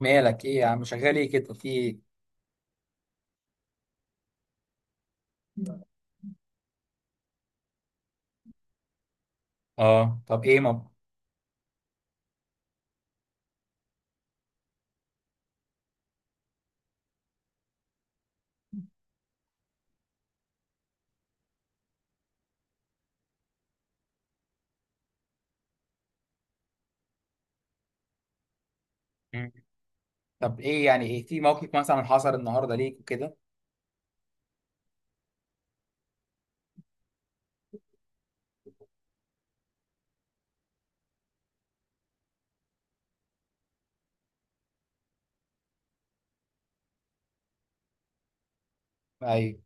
مالك ايه يا عم، شغال ايه كده، في ايه؟ اه، طب ايه مم. طب ايه يعني، ايه في موقف مثلا حصل النهارده ليك وكده؟ ايوه.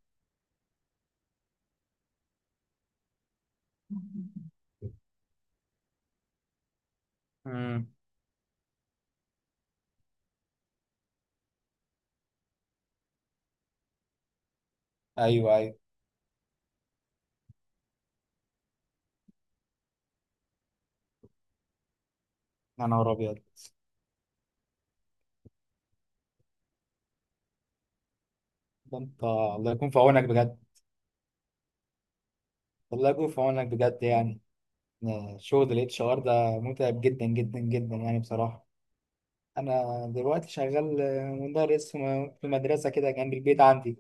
امم. ايوه ايوه. يا نهار ابيض، ده انت الله يكون في عونك بجد. الله يكون في عونك بجد يعني. إن شغل الاتش ار ده متعب جدا جدا جدا يعني بصراحه. انا دلوقتي شغال مدرس في مدرسه كده جنب البيت عندي.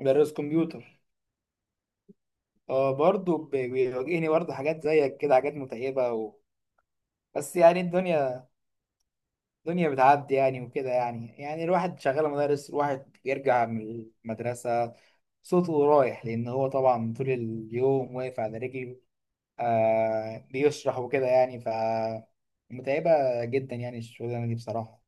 مدرس كمبيوتر. اه برضه بيواجهني برضه حاجات زيك كده، حاجات متعبه بس يعني الدنيا، الدنيا بتعدي يعني وكده يعني. يعني الواحد شغال مدرس، الواحد بيرجع من المدرسة صوته رايح، لأن هو طبعا طول اليوم واقف على رجله، آه، بيشرح وكده يعني. ف متعبة جدا يعني الشغلانة دي بصراحة.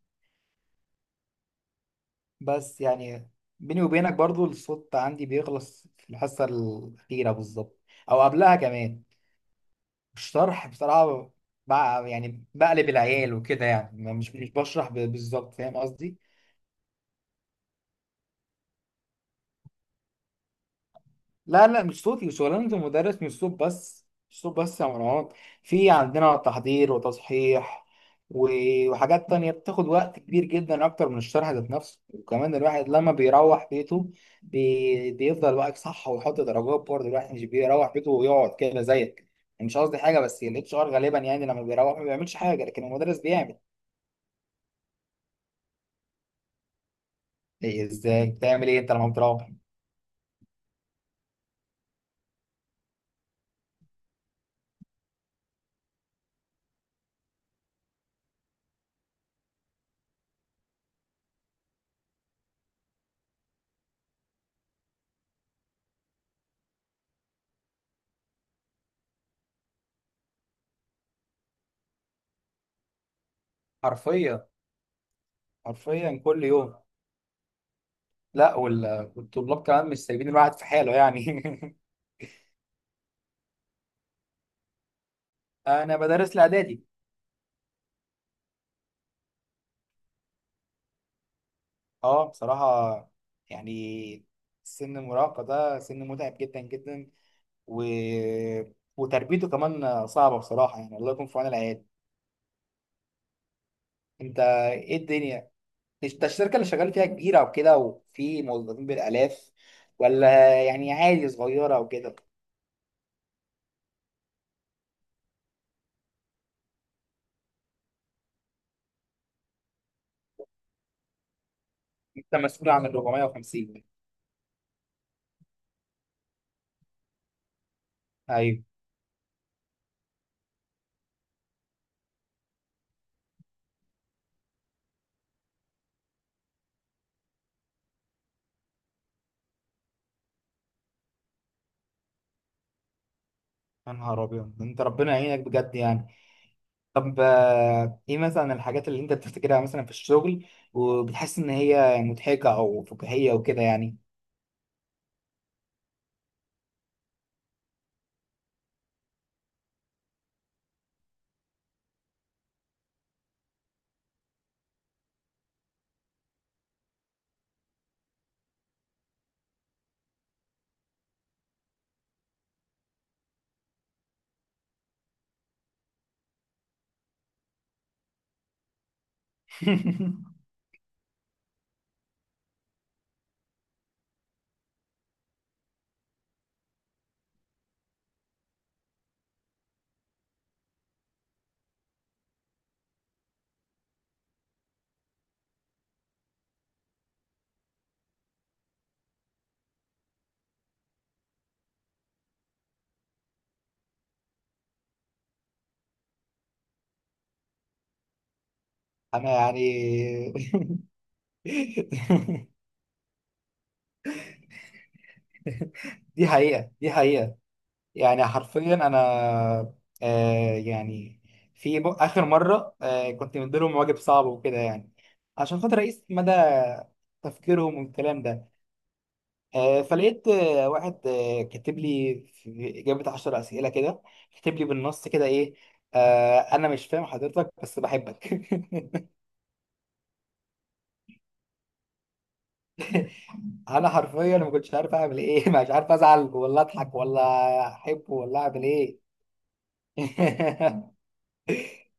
بس يعني بيني وبينك برضو الصوت عندي بيخلص في الحصة الأخيرة بالظبط، أو قبلها كمان الشرح بصراحة. بقى يعني بقلب العيال وكده يعني، مش بشرح بالظبط، فاهم قصدي؟ لا، لا، مش صوتي، شغلانة المدرس مش صوت بس، مش صوت بس يا مروان. في عندنا تحضير وتصحيح وحاجات تانية بتاخد وقت كبير جدا أكتر من الشرح ذات نفسه. وكمان الواحد لما بيروح بيته بيفضل واقف صح ويحط درجات برضه. الواحد مش بيروح بيته ويقعد كده زيك يعني، مش قصدي حاجة، بس الاتش ار غالبا يعني لما بيروح ما بيعملش حاجة، لكن المدرس بيعمل. إيه إزاي؟ بتعمل إيه أنت لما بتروح؟ حرفيا. حرفيا كل يوم. لا والطلاب كمان مش سايبين الواحد في حاله يعني. انا بدرس الاعدادي. اه بصراحه يعني سن المراهقه ده سن متعب جدا جدا و... وتربيته كمان صعبه بصراحه يعني. الله يكون في عون العيال. انت ايه الدنيا؟ انت الشركه اللي شغال فيها كبيره وكده وفي موظفين بالالاف، ولا يعني عادي صغيره وكده؟ انت مسؤول عن 450؟ ايوه. يا نهار ابيض، انت ربنا يعينك بجد يعني. طب آه، ايه مثلا الحاجات اللي انت بتفتكرها مثلا في الشغل وبتحس ان هي مضحكة او فكاهية وكده يعني؟ انا يعني. دي حقيقة، دي حقيقة. يعني حرفيا انا، آه يعني في اخر مرة آه، كنت مديلهم واجب صعب وكده يعني، عشان خاطر اقيس مدى تفكيرهم والكلام ده. آه، فلقيت آه، واحد آه، كاتب لي في إجابة عشر أسئلة كده، كاتب لي بالنص كده إيه؟ آه، أنا مش فاهم حضرتك بس بحبك. أنا حرفيا ما كنتش عارف أعمل إيه. مش عارف أزعل ولا أضحك ولا أحب ولا أعمل إيه.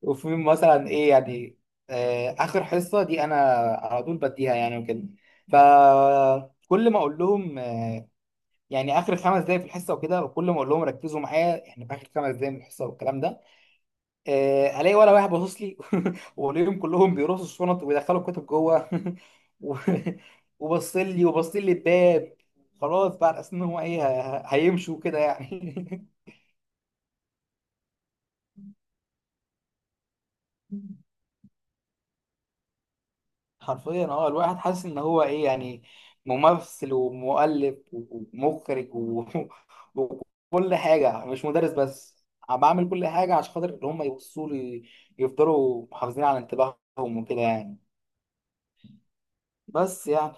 وفي مثلا إيه يعني، آه، آخر حصة دي أنا على طول بديها يعني وكده. فكل ما أقول لهم آه، يعني آخر خمس دقايق في الحصة وكده، وكل ما أقول لهم ركزوا معايا إحنا في آخر خمس دقايق من الحصة والكلام ده، آه، الاقي ولا واحد باصص لي. والاقيهم كلهم بيرصوا الشنط ويدخلوا الكتب جوه. و- وبص لي وبص لي الباب، خلاص بقى على اساس ان هو ايه هيمشوا كده يعني. حرفيا اه الواحد حاسس ان هو ايه يعني، ممثل ومؤلف ومخرج وكل حاجه مش مدرس بس. عم بعمل كل حاجه عشان خاطر ان هم يبصوا لي، يفضلوا محافظين على انتباههم وكده يعني. بس يعني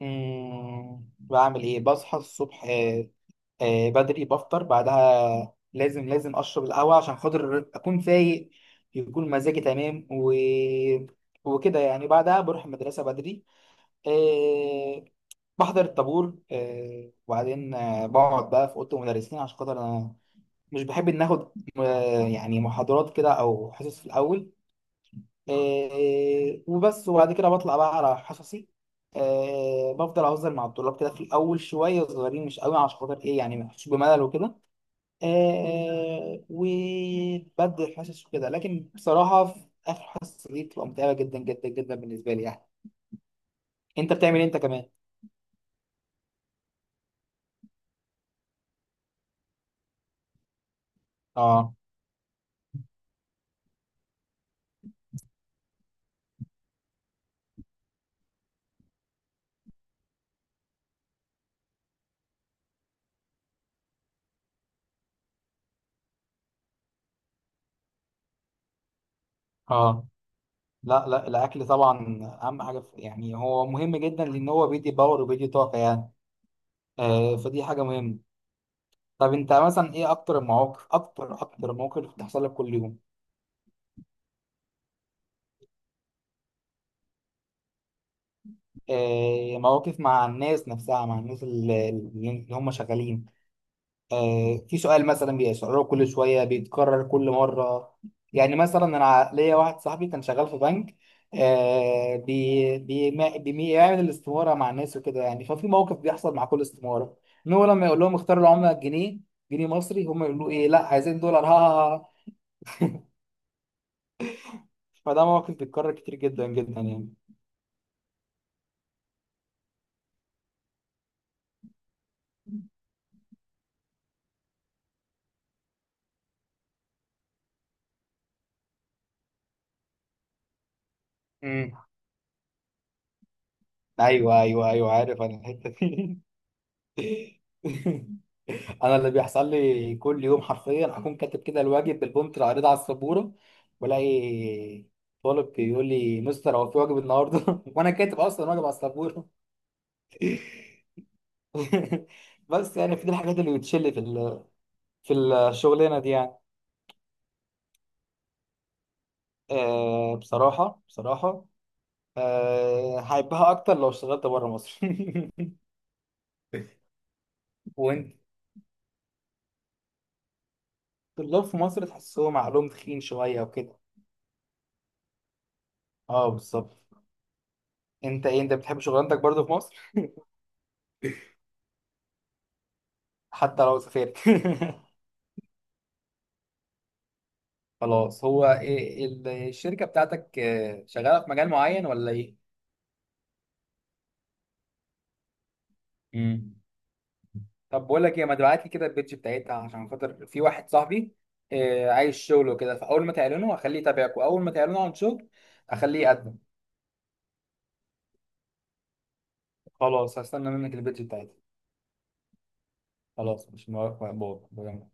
مم، بعمل ايه، بصحى الصبح آه، آه، بدري، بفطر، بعدها لازم لازم اشرب القهوه عشان خاطر اكون فايق، يكون مزاجي تمام وكده يعني. بعدها بروح المدرسه بدري، آه، بحضر الطابور، آه، وبعدين آه، بقعد بقى في اوضه المدرسين، عشان خاطر انا مش بحب ان اخد آه، يعني محاضرات كده او حصص في الاول. آه، وبس، وبعد كده بطلع بقى على حصصي. آه، بفضل اهزر مع الطلاب كده في الاول شويه صغيرين مش قوي، عشان خاطر ايه يعني ما يحسوش بملل وكده. آه، وبدي الحصص وكده، لكن بصراحه في اخر حصه دي بتبقى متعبه جدا جدا جدا بالنسبه لي يعني. انت بتعمل إيه انت كمان؟ اه. اه. لا، لا، الاكل طبعا اهم حاجه في يعني. هو مهم جدا لان هو بيدي باور وبيدي طاقه يعني. آه، فدي حاجه مهمه. طب انت مثلا ايه اكتر المواقف، اكتر المواقف بتحصل لك كل يوم؟ آه، مواقف مع الناس نفسها، مع الناس اللي هم شغالين، آه في سؤال مثلا بيسأله كل شوية، بيتكرر كل مرة. يعني مثلا انا ليا واحد صاحبي كان شغال في بنك، آه، بي بي ما- بي- بيعمل الاستمارة مع الناس وكده يعني. ففي موقف بيحصل مع كل استمارة، ان هو لما يقول لهم اختاروا العملة الجنيه، جنيه مصري، هم يقولوا ايه؟ لا عايزين دولار، ها ها ها. فده موقف بيتكرر كتير جدا جدا يعني. مم. ايوه ايوه ايوه، عارف انا الحته دي. انا اللي بيحصل لي كل يوم حرفيا، اكون كاتب كده الواجب بالبومت العريضه على السبوره، والاقي طالب بيقول لي مستر هو في واجب النهارده؟ وانا كاتب اصلا واجب على السبوره. بس يعني في دي الحاجات اللي بتشل في في الشغلانه دي يعني. أه بصراحه بصراحه، أه هحبها اكتر لو اشتغلت بره مصر. وانت، الطلاب في مصر تحسهم عقلهم تخين شويه وكده. اه بالظبط. انت ايه، انت بتحب شغلانتك برضو في مصر؟ حتى لو سافرت؟ خلاص، هو إيه الشركة بتاعتك آه، شغالة في مجال معين ولا ايه؟ مم. طب بقول لك ايه، ما تبعت لي كده البيج بتاعتها عشان خاطر في واحد صاحبي آه، عايز شغل وكده. فاول ما تعلنوا هخليه يتابعك، واول ما تعلنوا عن شغل هخليه يقدم. خلاص هستنى منك البيج بتاعتها. خلاص، مش مبارك مقبول.